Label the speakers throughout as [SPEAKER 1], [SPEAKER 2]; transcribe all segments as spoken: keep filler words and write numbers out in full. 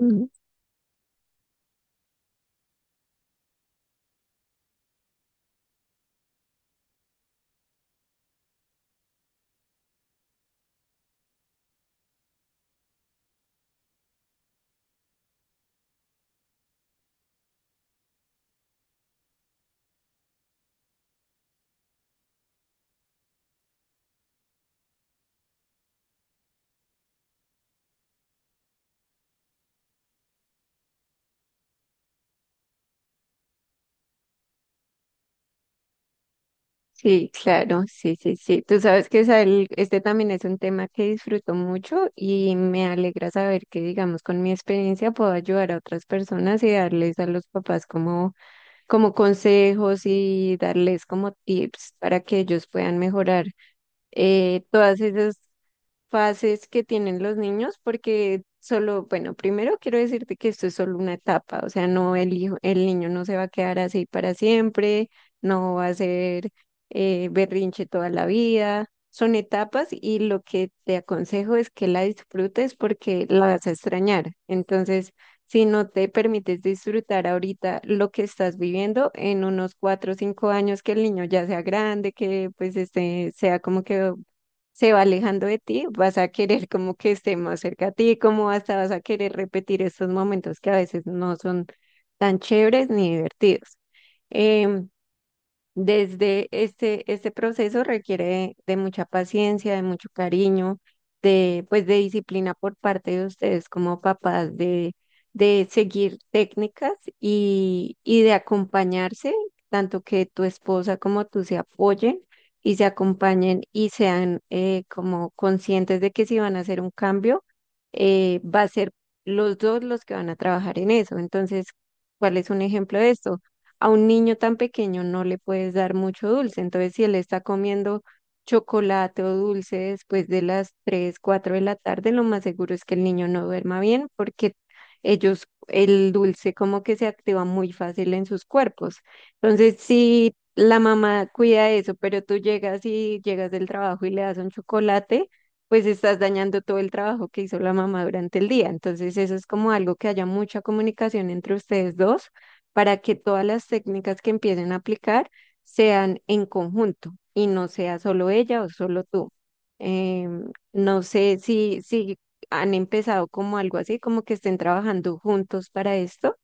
[SPEAKER 1] Mm, sí, claro, sí, sí, sí. Tú sabes que Sael, este también es un tema que disfruto mucho y me alegra saber que, digamos, con mi experiencia puedo ayudar a otras personas y darles a los papás como, como consejos y darles como tips para que ellos puedan mejorar eh, todas esas fases que tienen los niños, porque solo, bueno, primero quiero decirte que esto es solo una etapa, o sea, no el hijo, el niño no se va a quedar así para siempre, no va a ser eh, berrinche toda la vida, son etapas y lo que te aconsejo es que la disfrutes porque la vas a extrañar. Entonces, si no te permites disfrutar ahorita lo que estás viviendo en unos cuatro o cinco años que el niño ya sea grande, que pues este sea como que se va alejando de ti, vas a querer como que esté más cerca a ti, como hasta vas a querer repetir estos momentos que a veces no son tan chéveres ni divertidos. Em, Desde este, este proceso requiere de de mucha paciencia, de mucho cariño, de, pues, de disciplina por parte de ustedes como papás, de, de seguir técnicas y, y de acompañarse, tanto que tu esposa como tú se apoyen y se acompañen y sean eh, como conscientes de que si van a hacer un cambio, eh, va a ser los dos los que van a trabajar en eso. Entonces, ¿cuál es un ejemplo de esto? A un niño tan pequeño no le puedes dar mucho dulce. Entonces, si él está comiendo chocolate o dulce después de las tres cuatro de la tarde, lo más seguro es que el niño no duerma bien porque ellos, el dulce como que se activa muy fácil en sus cuerpos. Entonces, si la mamá cuida eso, pero tú llegas y llegas del trabajo y le das un chocolate, pues estás dañando todo el trabajo que hizo la mamá durante el día. Entonces, eso es como algo que haya mucha comunicación entre ustedes dos para que todas las técnicas que empiecen a aplicar sean en conjunto y no sea solo ella o solo tú. Em, no sé si, si han empezado como algo así, como que estén trabajando juntos para esto.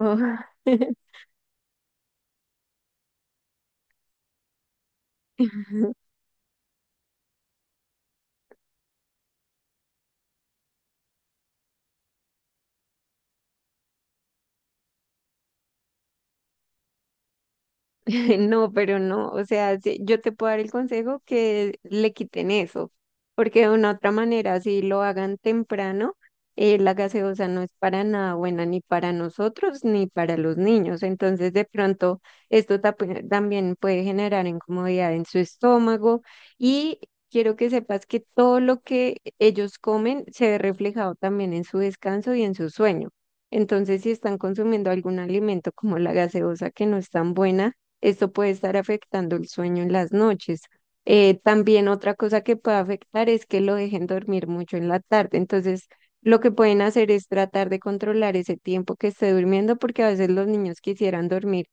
[SPEAKER 1] Oh. No, pero no, o sea, sí, yo te puedo dar el consejo que le quiten eso, porque de una otra manera, si lo hagan temprano, eh, la gaseosa no es para nada buena ni para nosotros ni para los niños. Entonces, de pronto, esto tape- también puede generar incomodidad en su estómago y quiero que sepas que todo lo que ellos comen se ve reflejado también en su descanso y en su sueño. Entonces, si están consumiendo algún alimento como la gaseosa que no es tan buena, esto puede estar afectando el sueño en las noches. Eh, también otra cosa que puede afectar es que lo dejen dormir mucho en la tarde. Entonces, lo que pueden hacer es tratar de controlar ese tiempo que esté durmiendo, porque a veces los niños quisieran dormir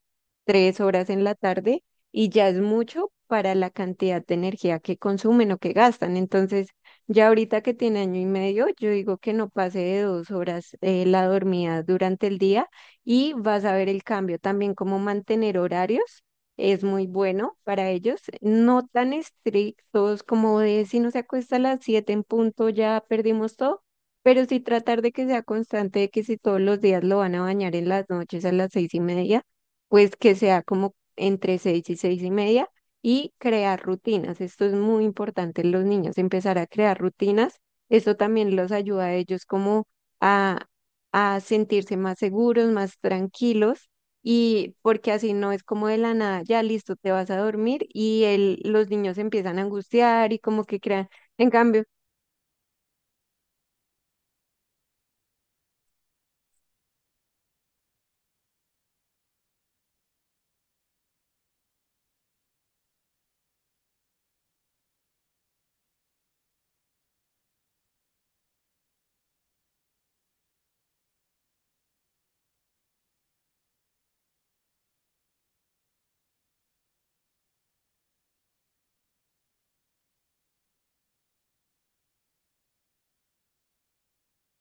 [SPEAKER 1] tres horas en la tarde y ya es mucho para la cantidad de energía que consumen o que gastan. Entonces, ya ahorita que tiene año y medio, yo digo que no pase de dos horas eh, la dormida durante el día y vas a ver el cambio. También como mantener horarios es muy bueno para ellos, no tan estrictos como de si no se acuesta a las siete en punto ya perdimos todo, pero sí tratar de que sea constante, de que si todos los días lo van a bañar en las noches a las seis y media, pues que sea como entre seis y seis y media y crear rutinas. Esto es muy importante en los niños, empezar a crear rutinas. Esto también los ayuda a ellos como a a sentirse más seguros, más tranquilos y porque así no es como de la nada, ya listo, te vas a dormir y el- los niños se empiezan a angustiar y como que crean. En cambio,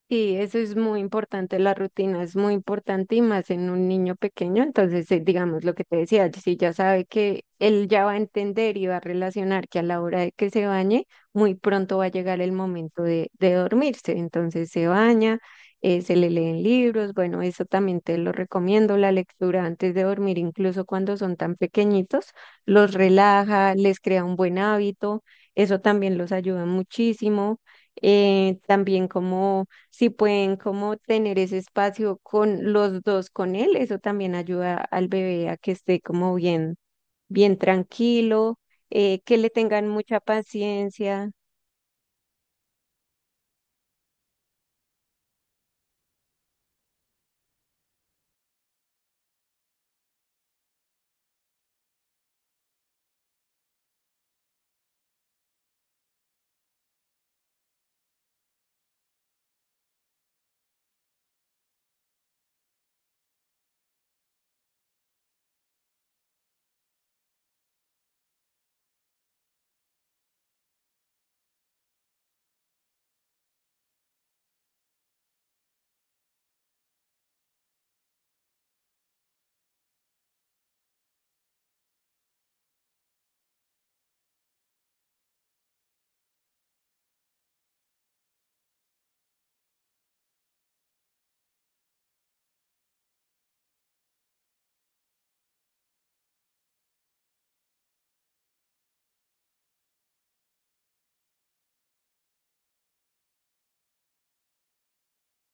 [SPEAKER 1] sí, eso es muy importante, la rutina es muy importante y más en un niño pequeño. Entonces, eh, digamos lo que te decía, si ya sabe que él ya va a entender y va a relacionar que a la hora de que se bañe, muy pronto va a llegar el momento de, de dormirse. Entonces se baña, eh, se le leen libros, bueno, eso también te lo recomiendo, la lectura antes de dormir, incluso cuando son tan pequeñitos, los relaja, les crea un buen hábito, eso también los ayuda muchísimo. Eh, también como si pueden como tener ese espacio con los dos con él, eso también ayuda al bebé a que esté como bien, bien tranquilo, eh, que le tengan mucha paciencia.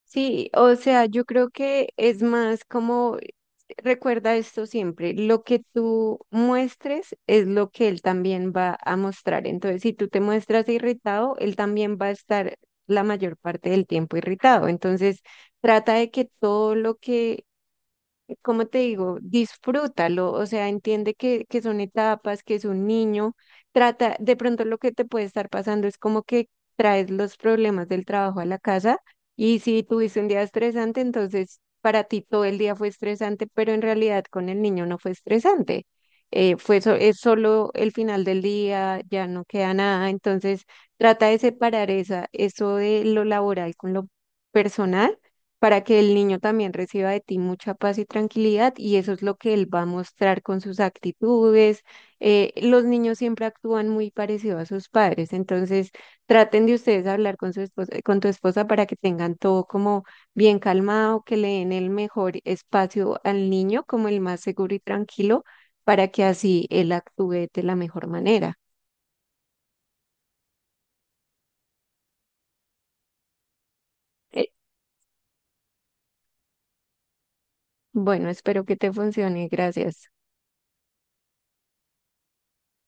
[SPEAKER 1] Sí, o sea, yo creo que es más como, recuerda esto siempre, lo que tú muestres es lo que él también va a mostrar. Entonces, si tú te muestras irritado, él también va a estar la mayor parte del tiempo irritado. Entonces, trata de que todo lo que cómo te digo, disfrútalo, o sea, entiende que, que son etapas, que es un niño, trata, de pronto lo que te puede estar pasando es como que traes los problemas del trabajo a la casa y si tuviste un día estresante, entonces para ti todo el día fue estresante, pero en realidad con el niño no fue estresante. Eh, fue so- es solo el final del día, ya no queda nada, entonces trata de separar esa, eso de lo laboral con lo personal para que el niño también reciba de ti mucha paz y tranquilidad y eso es lo que él va a mostrar con sus actitudes. Eh, los niños siempre actúan muy parecido a sus padres, entonces traten de ustedes hablar con su esposa, eh, con tu esposa para que tengan todo como bien calmado, que le den el mejor espacio al niño, como el más seguro y tranquilo, para que así él actúe de la mejor manera. Eh, bueno, espero que te funcione. Gracias.